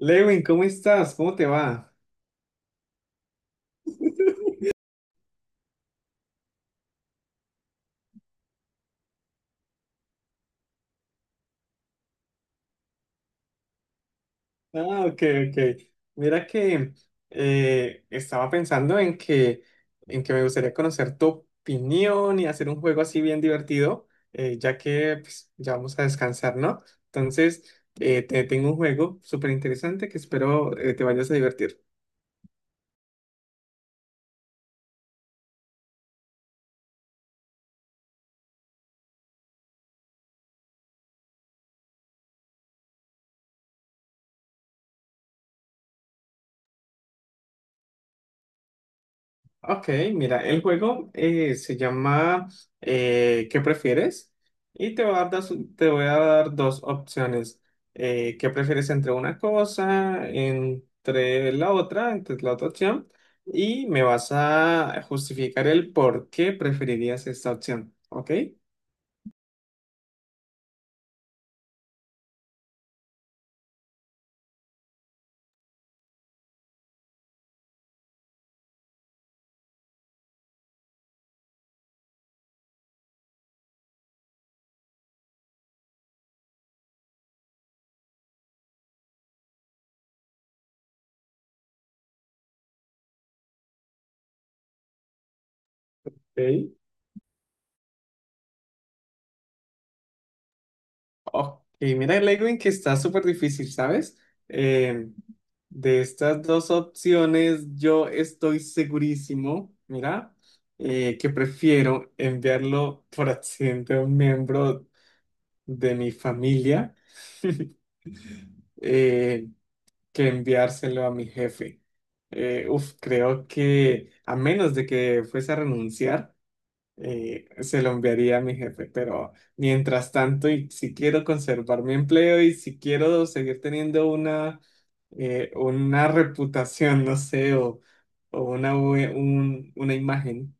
Lewin, ¿cómo estás? ¿Cómo te va? Ah, ok, ok. Mira que estaba pensando en en que me gustaría conocer tu opinión y hacer un juego así bien divertido, ya que pues, ya vamos a descansar, ¿no? Entonces, te tengo un juego súper interesante que espero te vayas a divertir. Ok, mira, el juego se llama ¿qué prefieres? Y te voy a dar dos opciones. ¿Qué prefieres entre una cosa, entre la otra opción? Y me vas a justificar el por qué preferirías esta opción, ¿ok? Ok. Ok, mira, Lewin, que está súper difícil, ¿sabes? Eh, de estas dos opciones, yo estoy segurísimo, mira, que prefiero enviarlo por accidente a un miembro de mi familia eh, que enviárselo a mi jefe. Uf, creo que a menos de que fuese a renunciar, se lo enviaría a mi jefe, pero mientras tanto, y si quiero conservar mi empleo y si quiero seguir teniendo una reputación, no sé, o una imagen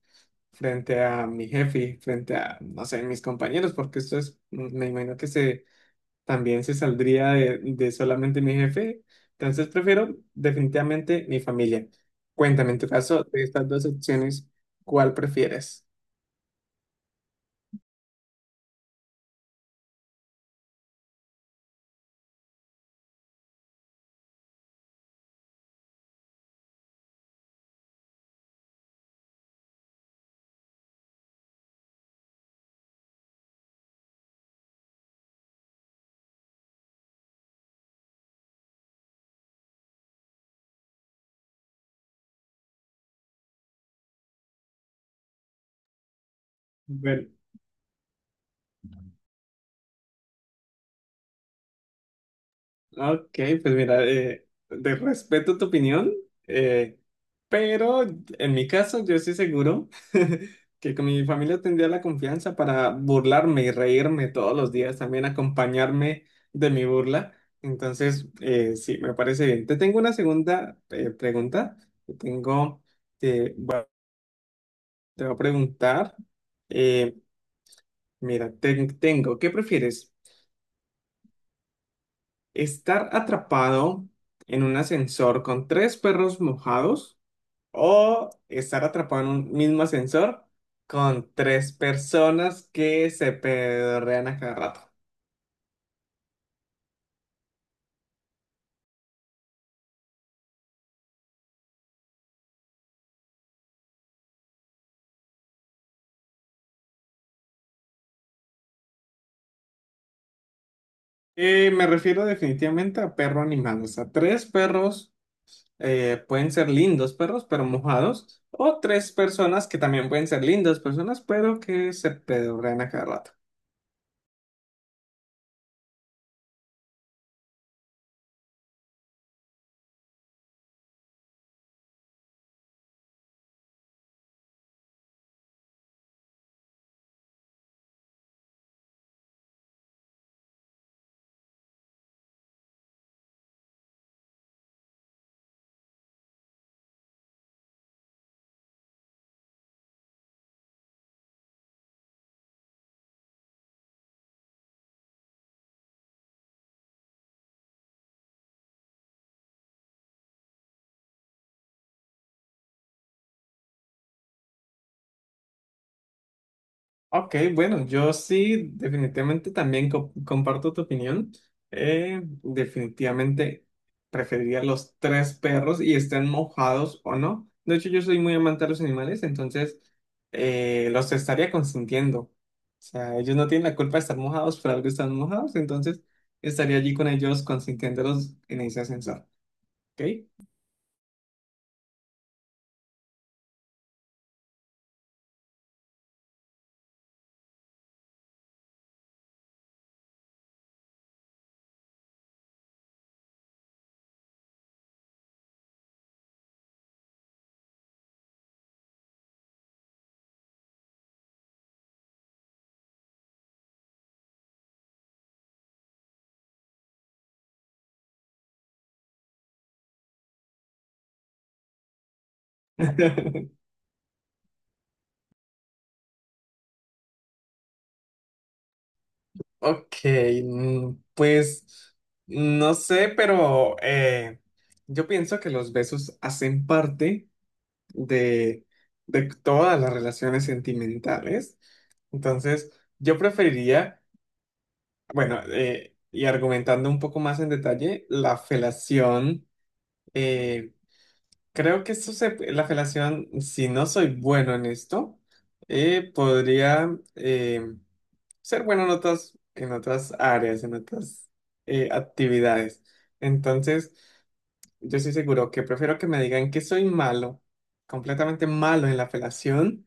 frente a mi jefe, frente a, no sé, mis compañeros, porque esto me imagino que también se saldría de solamente mi jefe, entonces prefiero definitivamente mi familia. Cuéntame, en tu caso, de estas dos opciones, ¿cuál prefieres? Bueno, ah, ok, pues mira, de respeto tu opinión, eh, pero en mi caso yo estoy seguro que con mi familia tendría la confianza para burlarme y reírme todos los días, también acompañarme de mi burla. Entonces, sí, me parece bien. Te tengo una segunda pregunta. Te tengo, eh, bueno, te voy a preguntar, eh, mira, tengo, ¿qué prefieres? Estar atrapado en un ascensor con tres perros mojados o estar atrapado en un mismo ascensor con tres personas que se pedorrean a cada rato. Me refiero definitivamente a perro animal, o sea, tres perros pueden ser lindos perros, pero mojados, o tres personas que también pueden ser lindas personas, pero que se pedorrean a cada rato. Ok, bueno, yo sí definitivamente también comparto tu opinión. Definitivamente preferiría los tres perros y estén mojados o no. De hecho, yo soy muy amante de los animales, entonces los estaría consintiendo. O sea, ellos no tienen la culpa de estar mojados, pero algo están mojados, entonces estaría allí con ellos consintiéndolos en ese ascensor. ¿Ok? Ok, mm, pues no sé, pero yo pienso que los besos hacen parte de, de todas las relaciones sentimentales. Entonces, yo preferiría, bueno, y argumentando un poco más en detalle, la felación. Eh, creo que esto la felación, si no soy bueno en esto, podría em, ser bueno en en otras áreas, en otras actividades. Entonces, yo estoy seguro que prefiero que me digan que soy malo, completamente malo en la felación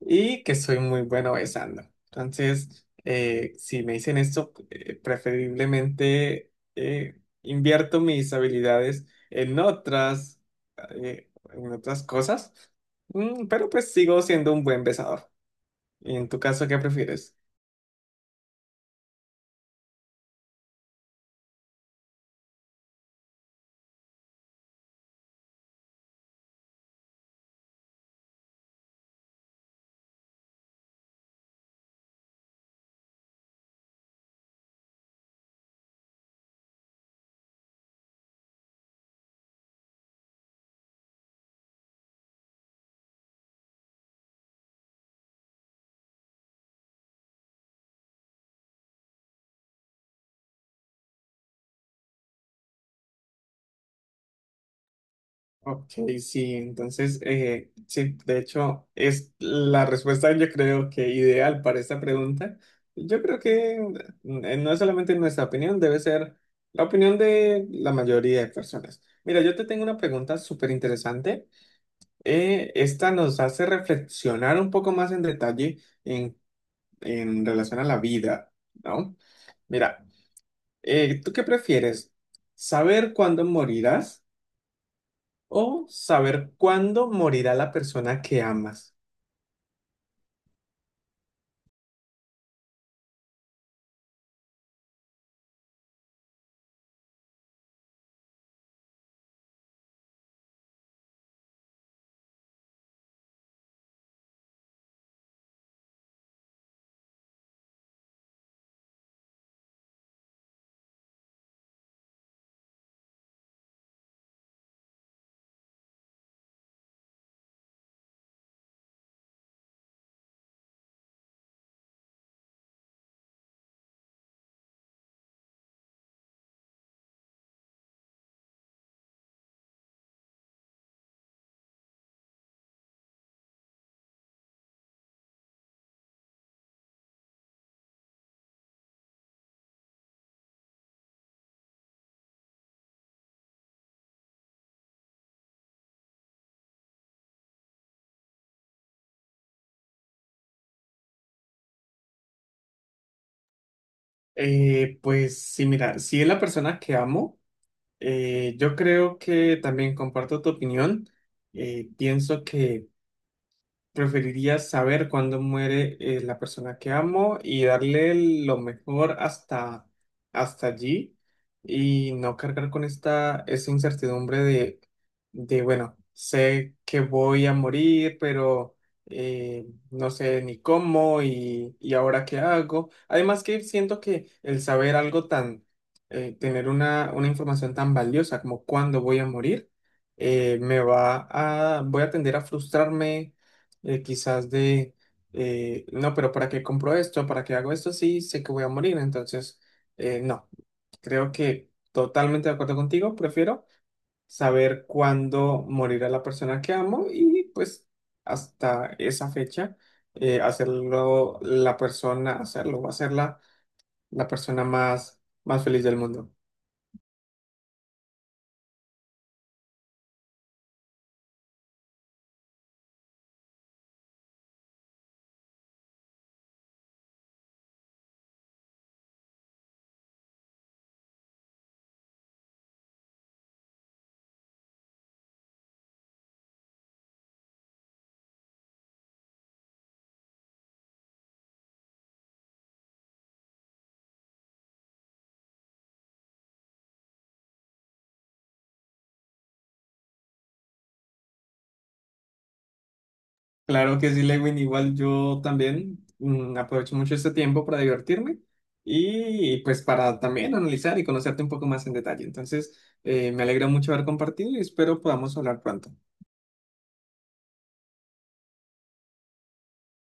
y que soy muy bueno besando. Entonces, si me dicen esto, preferiblemente invierto mis habilidades en en otras cosas. Mm, pero pues sigo siendo un buen besador. ¿Y en tu caso, qué prefieres? Ok, sí, entonces, sí, de hecho, es la respuesta yo creo que ideal para esta pregunta. Yo creo que mm, no es solamente nuestra opinión, debe ser la opinión de la mayoría de personas. Mira, yo te tengo una pregunta súper interesante. Esta nos hace reflexionar un poco más en detalle en, en relación a la vida, ¿no? Mira, ¿tú qué prefieres? ¿Saber cuándo morirás? O saber cuándo morirá la persona que amas. Pues sí, mira, si es la persona que amo, yo creo que también comparto tu opinión. Pienso que preferiría saber cuándo muere la persona que amo y darle lo mejor hasta allí y no cargar con esa incertidumbre de, bueno, sé que voy a morir, pero no sé ni cómo y ahora qué hago. Además que siento que el saber algo tan, tener una información tan valiosa como cuándo voy a morir, eh, me va voy a tender a frustrarme eh, quizás de, no, pero ¿para qué compro esto? ¿Para qué hago esto? Sí, sé que voy a morir, entonces, no, creo que totalmente de acuerdo contigo, prefiero saber cuándo morirá la persona que amo y pues hasta esa fecha, hacerlo la persona, hacerlo, hacerla la persona más, más feliz del mundo. Claro que sí, Lewin. Igual yo también mm, aprovecho mucho este tiempo para divertirme y pues para también analizar y conocerte un poco más en detalle. Entonces, me alegra mucho haber compartido y espero podamos hablar pronto.